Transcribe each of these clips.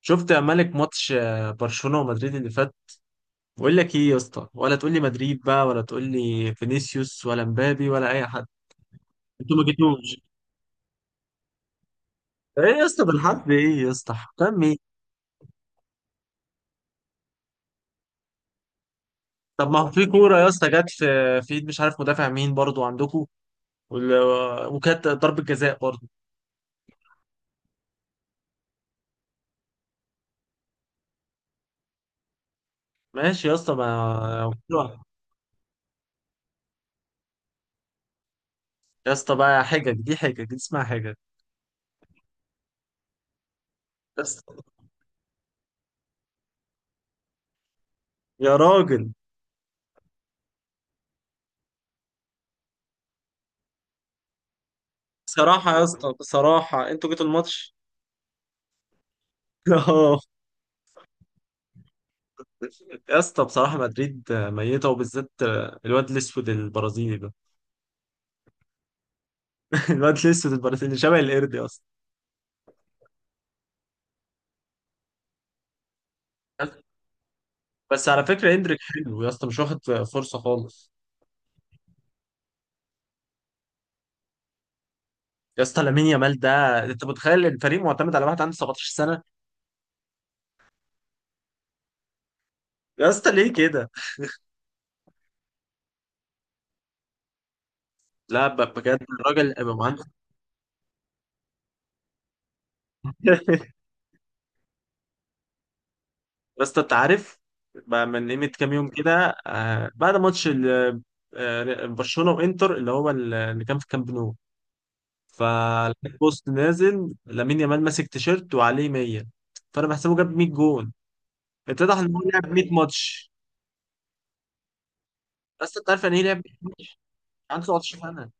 شفت يا مالك ماتش برشلونة ومدريد اللي فات. بقول لك ايه يا اسطى؟ ولا تقول لي مدريد بقى، ولا تقول لي فينيسيوس ولا مبابي ولا اي حد. انتوا ما جيتوش. ايه يا اسطى بالحد، ايه يا اسطى حكام ايه؟ طب ما هو في كوره يا اسطى جت في في ايد مش عارف مدافع مين برضو عندكم. وكانت ضربه جزاء برضو. ماشي يا اسطى ما. يا اسطى بقى حجج، دي حجج، دي اسمها حجج. يا اسطى، يا راجل، بصراحه يا اسطى، بصراحه انتوا جيتوا الماتش. يا اسطى بصراحة مدريد ميتة، وبالذات الواد الأسود البرازيلي ده. الواد الأسود البرازيلي شبه القرد يا اسطى. بس على فكرة إندريك حلو يا اسطى، مش واخد فرصة خالص. يا اسطى لامين يامال ده، أنت متخيل الفريق معتمد على واحد عنده 17 سنة؟ يا اسطى ليه كده؟ لا، بجد الراجل أبقى مهندس. يا اسطى أنت عارف بقى من قيمة كام يوم كده، بعد ماتش برشلونة وإنتر، اللي هو اللي كان في كامب نو، فلقيت بوست نازل لامين يامال ماسك تيشيرت وعليه 100. فانا بحسبه جاب 100 جون، اتضح ان هو لعب 100 ماتش. بس انت عارف يعني ايه لعب 100 ماتش؟ عنده 17 سنه.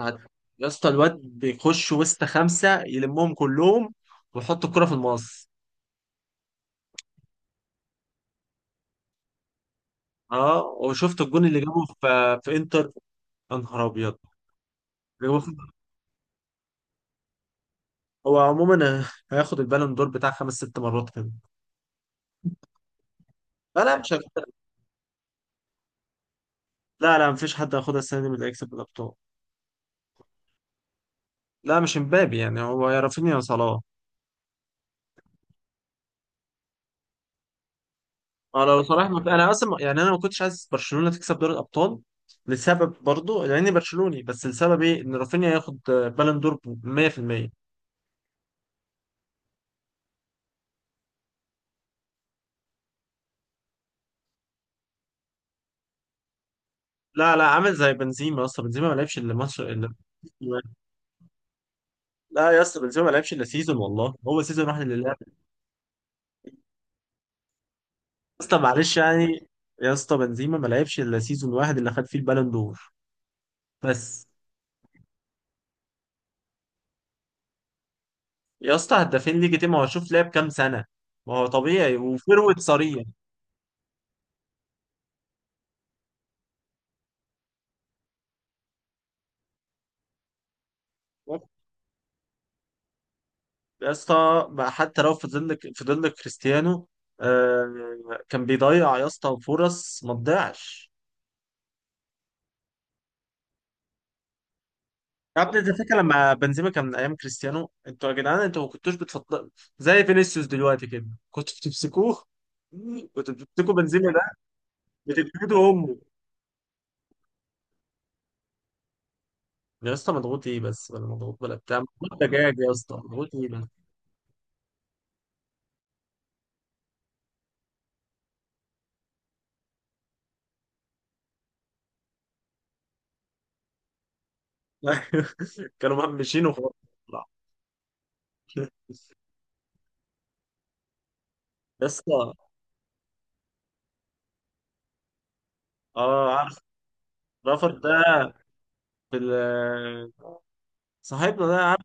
هت- يا اسطى الواد بيخش وسط خمسه يلمهم كلهم ويحط الكره في المقص. اه، وشفت الجون اللي جابه في في انتر؟ يا نهار ابيض. جابه في- هو عموما هياخد البالون دور بتاع خمس ست مرات كده. لا لا، مش هياخدها. لا لا، مفيش حد هياخدها السنه دي من اللي هيكسب الابطال. لا، مش امبابي. يعني هو يا رافينيا يا صلاح. اه، لو صلاح ما في. انا اصلا يعني انا ما كنتش عايز برشلونه تكسب دوري الابطال لسبب برضو، لاني برشلوني، بس السبب ايه؟ ان رافينيا ياخد بالون دور. 100%. لا لا، عامل زي بنزيما. اصلا بنزيما ما لعبش الا ماتش الا. لا يا اسطى، بنزيما ما لعبش الا سيزون، والله هو سيزون واحد اللي لعب. يا اسطى معلش يعني. يا اسطى بنزيما ما لعبش الا سيزون واحد اللي خد فيه البالون دور، بس. يا اسطى هدافين ليج تيم؟ هو شوف لعب كام سنه. ما هو طبيعي وفيرويد صريح. يا اسطى بقى، حتى لو فضل لك، فضل لك كريستيانو. آه، كان بيضيع يا اسطى فرص ما تضيعش. يا ابني انت فاكر لما بنزيما كان من ايام كريستيانو، انتوا يا جدعان انتوا ما كنتوش بتفضل زي فينيسيوس دلوقتي كده. كنتوا بتمسكوه، كنتوا بتمسكوا بنزيما ده، بتديله امه. يا اسطى مضغوط ايه بس؟ ولا مضغوط ولا بتاع، مضغوط دجاج. يا اسطى مضغوط ايه بس؟ كانوا مهمشين وخلاص. يا اسطى. اه، عارف. رافر ده، في صاحبنا ده،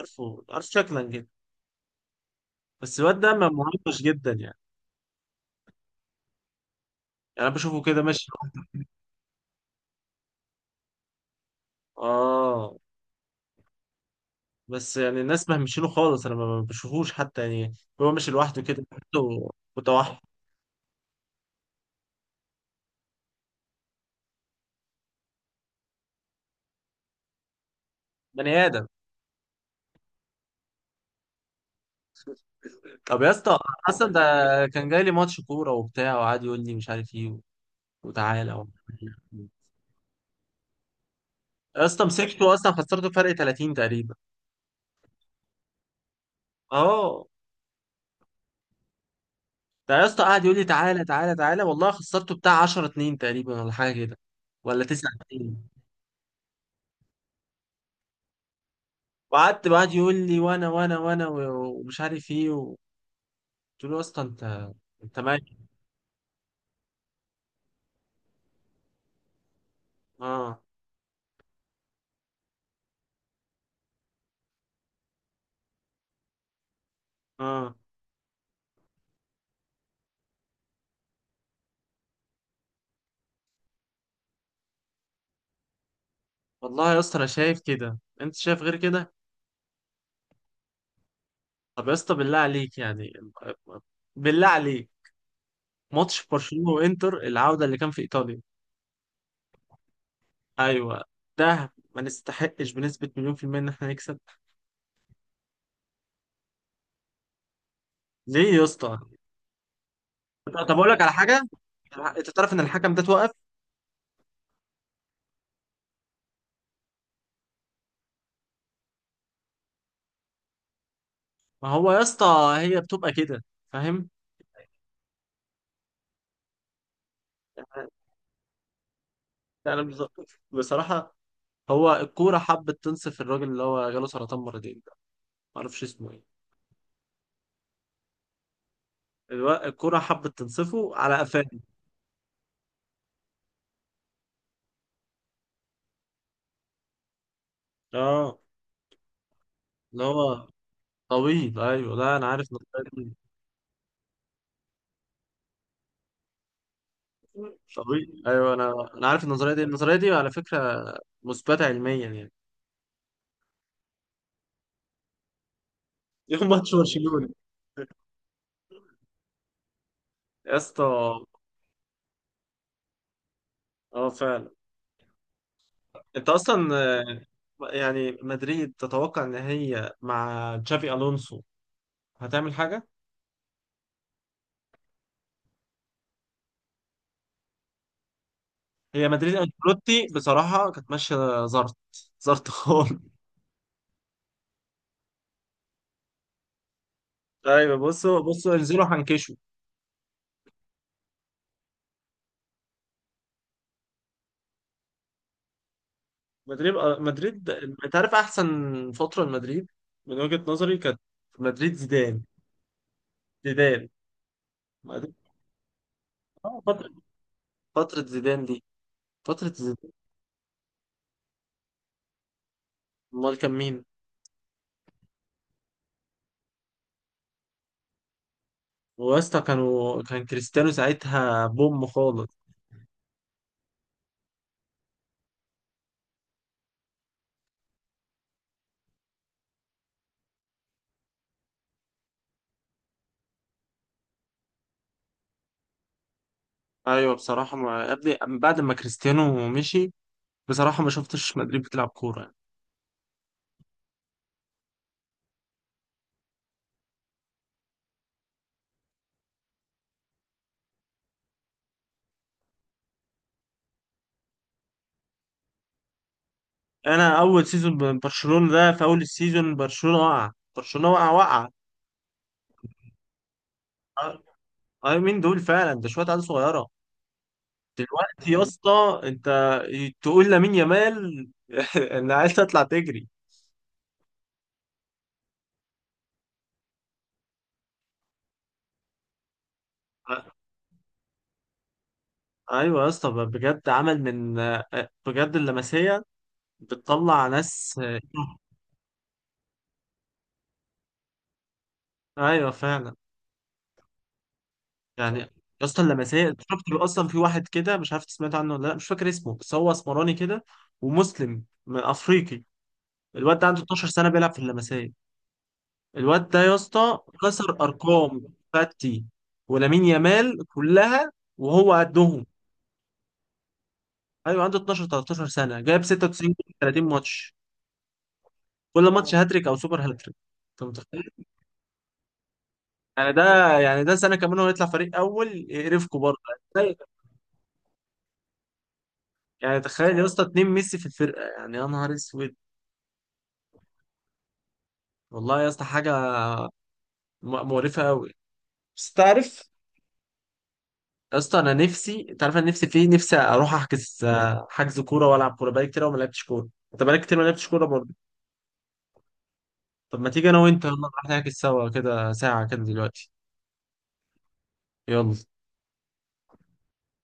عارفه، عارف شكلا جدا. بس الواد ده مهمش جدا يعني. يعني انا بشوفه كده ماشي. اه، بس يعني الناس مهمشينه خالص، انا ما بشوفوش حتى يعني. هو ماشي لوحده كده حتى. متوحد. بني ادم. طب يا اسطى، اصلا ده كان جاي لي ماتش كوره وبتاع، وقعد يقول لي مش عارف ايه، وتعالى يا اسطى مسكته، اصلا خسرته فرق 30 تقريبا. اه، ده يا اسطى قعد يقول لي تعالى تعالى تعالى، والله خسرته بتاع 10 2 تقريبا، ولا حاجه كده، ولا 9. وقعدت بعد يقول لي وانا ومش عارف ايه. وقلت له يا اسطى انت، انت مالك. اه. اه والله. يا اسطى انا شايف كده، انت شايف غير كده. طب يا اسطى بالله عليك يعني، بالله عليك، ماتش برشلونة وانتر العودة اللي كان في ايطاليا. ايوه، ده ما نستحقش بنسبة مليون في المية ان احنا نكسب. ليه يا اسطى؟ طب اقول لك على حاجة، انت تعرف ان الحكم ده توقف. ما هو يا اسطى هي بتبقى كده، فاهم؟ يعني انا بصراحة، هو الكورة حبت تنصف الراجل اللي هو جاله سرطان مرتين ده، معرفش اسمه ايه. الكورة حبت تنصفه على قفاه. اه. اللي هو طويل، ايوه، لا انا عارف النظرية دي. طويل، ايوه، انا انا عارف النظرية دي. النظرية دي على فكرة مثبتة علميا يعني. يوم ماتش برشلونة، يا اسطى. اه، فعلا. انت اصلا يعني مدريد تتوقع ان هي مع تشافي الونسو هتعمل حاجة؟ هي مدريد انشيلوتي بصراحة كانت ماشية زرط، زرط خالص. ايوه بصوا بصوا، انزلوا هنكشوا. مدريد، مدريد. انت عارف احسن فتره لمدريد من وجهه نظري كانت مدريد زيدان. زيدان. مدريد- فتره، فتره زيدان دي، فتره زيدان. امال كان مين؟ ويسطا كانوا، كان كريستيانو ساعتها بوم خالص. ايوه بصراحه، ما يا ابني من بعد ما كريستيانو مشي، بصراحه ما شفتش مدريد بتلعب كوره يعني. انا اول سيزون برشلونه ده، في اول السيزون برشلونه وقع، برشلونه وقع. أه، أيوة، مين دول فعلا؟ ده شويه عيال صغيره. دلوقتي يا اسطى انت تقول لامين يامال انا عايز تطلع تجري. أ- ايوه يا اسطى، بجد عمل من، بجد اللمسيه بتطلع ناس. ايوه فعلا. يعني يا اسطى اللمسيه شفت له اصلا، في واحد كده مش عارف سمعت عنه ولا لا، مش فاكر اسمه، بس هو اسمراني كده ومسلم من افريقي. الواد ده عنده 12 سنه بيلعب في اللمسيه. الواد ده يا اسطى كسر ارقام فاتي ولامين يامال كلها، وهو قدهم. ايوه عنده 12 13 سنه، جايب 96 جول في 30 ماتش، كل ماتش هاتريك او سوبر هاتريك. انت متخيل؟ يعني ده، يعني ده سنه كمان هو يطلع فريق اول يقرفكوا برضه يعني، تخيل. يعني تخيل يا اسطى اتنين ميسي في الفرقه، يعني يا نهار اسود. والله يا اسطى حاجه مقرفه قوي. بس تعرف يا اسطى، انا نفسي، انت عارف انا نفسي في إيه؟ نفسي اروح احجز حجز كوره والعب كوره، بقالي كتير أوي ما لعبتش كوره، انت بقالك كتير ما لعبتش كوره برضه. طب ما تيجي انا وانت، يلا نروح نحجز سوا كده ساعه كده دلوقتي. يلا.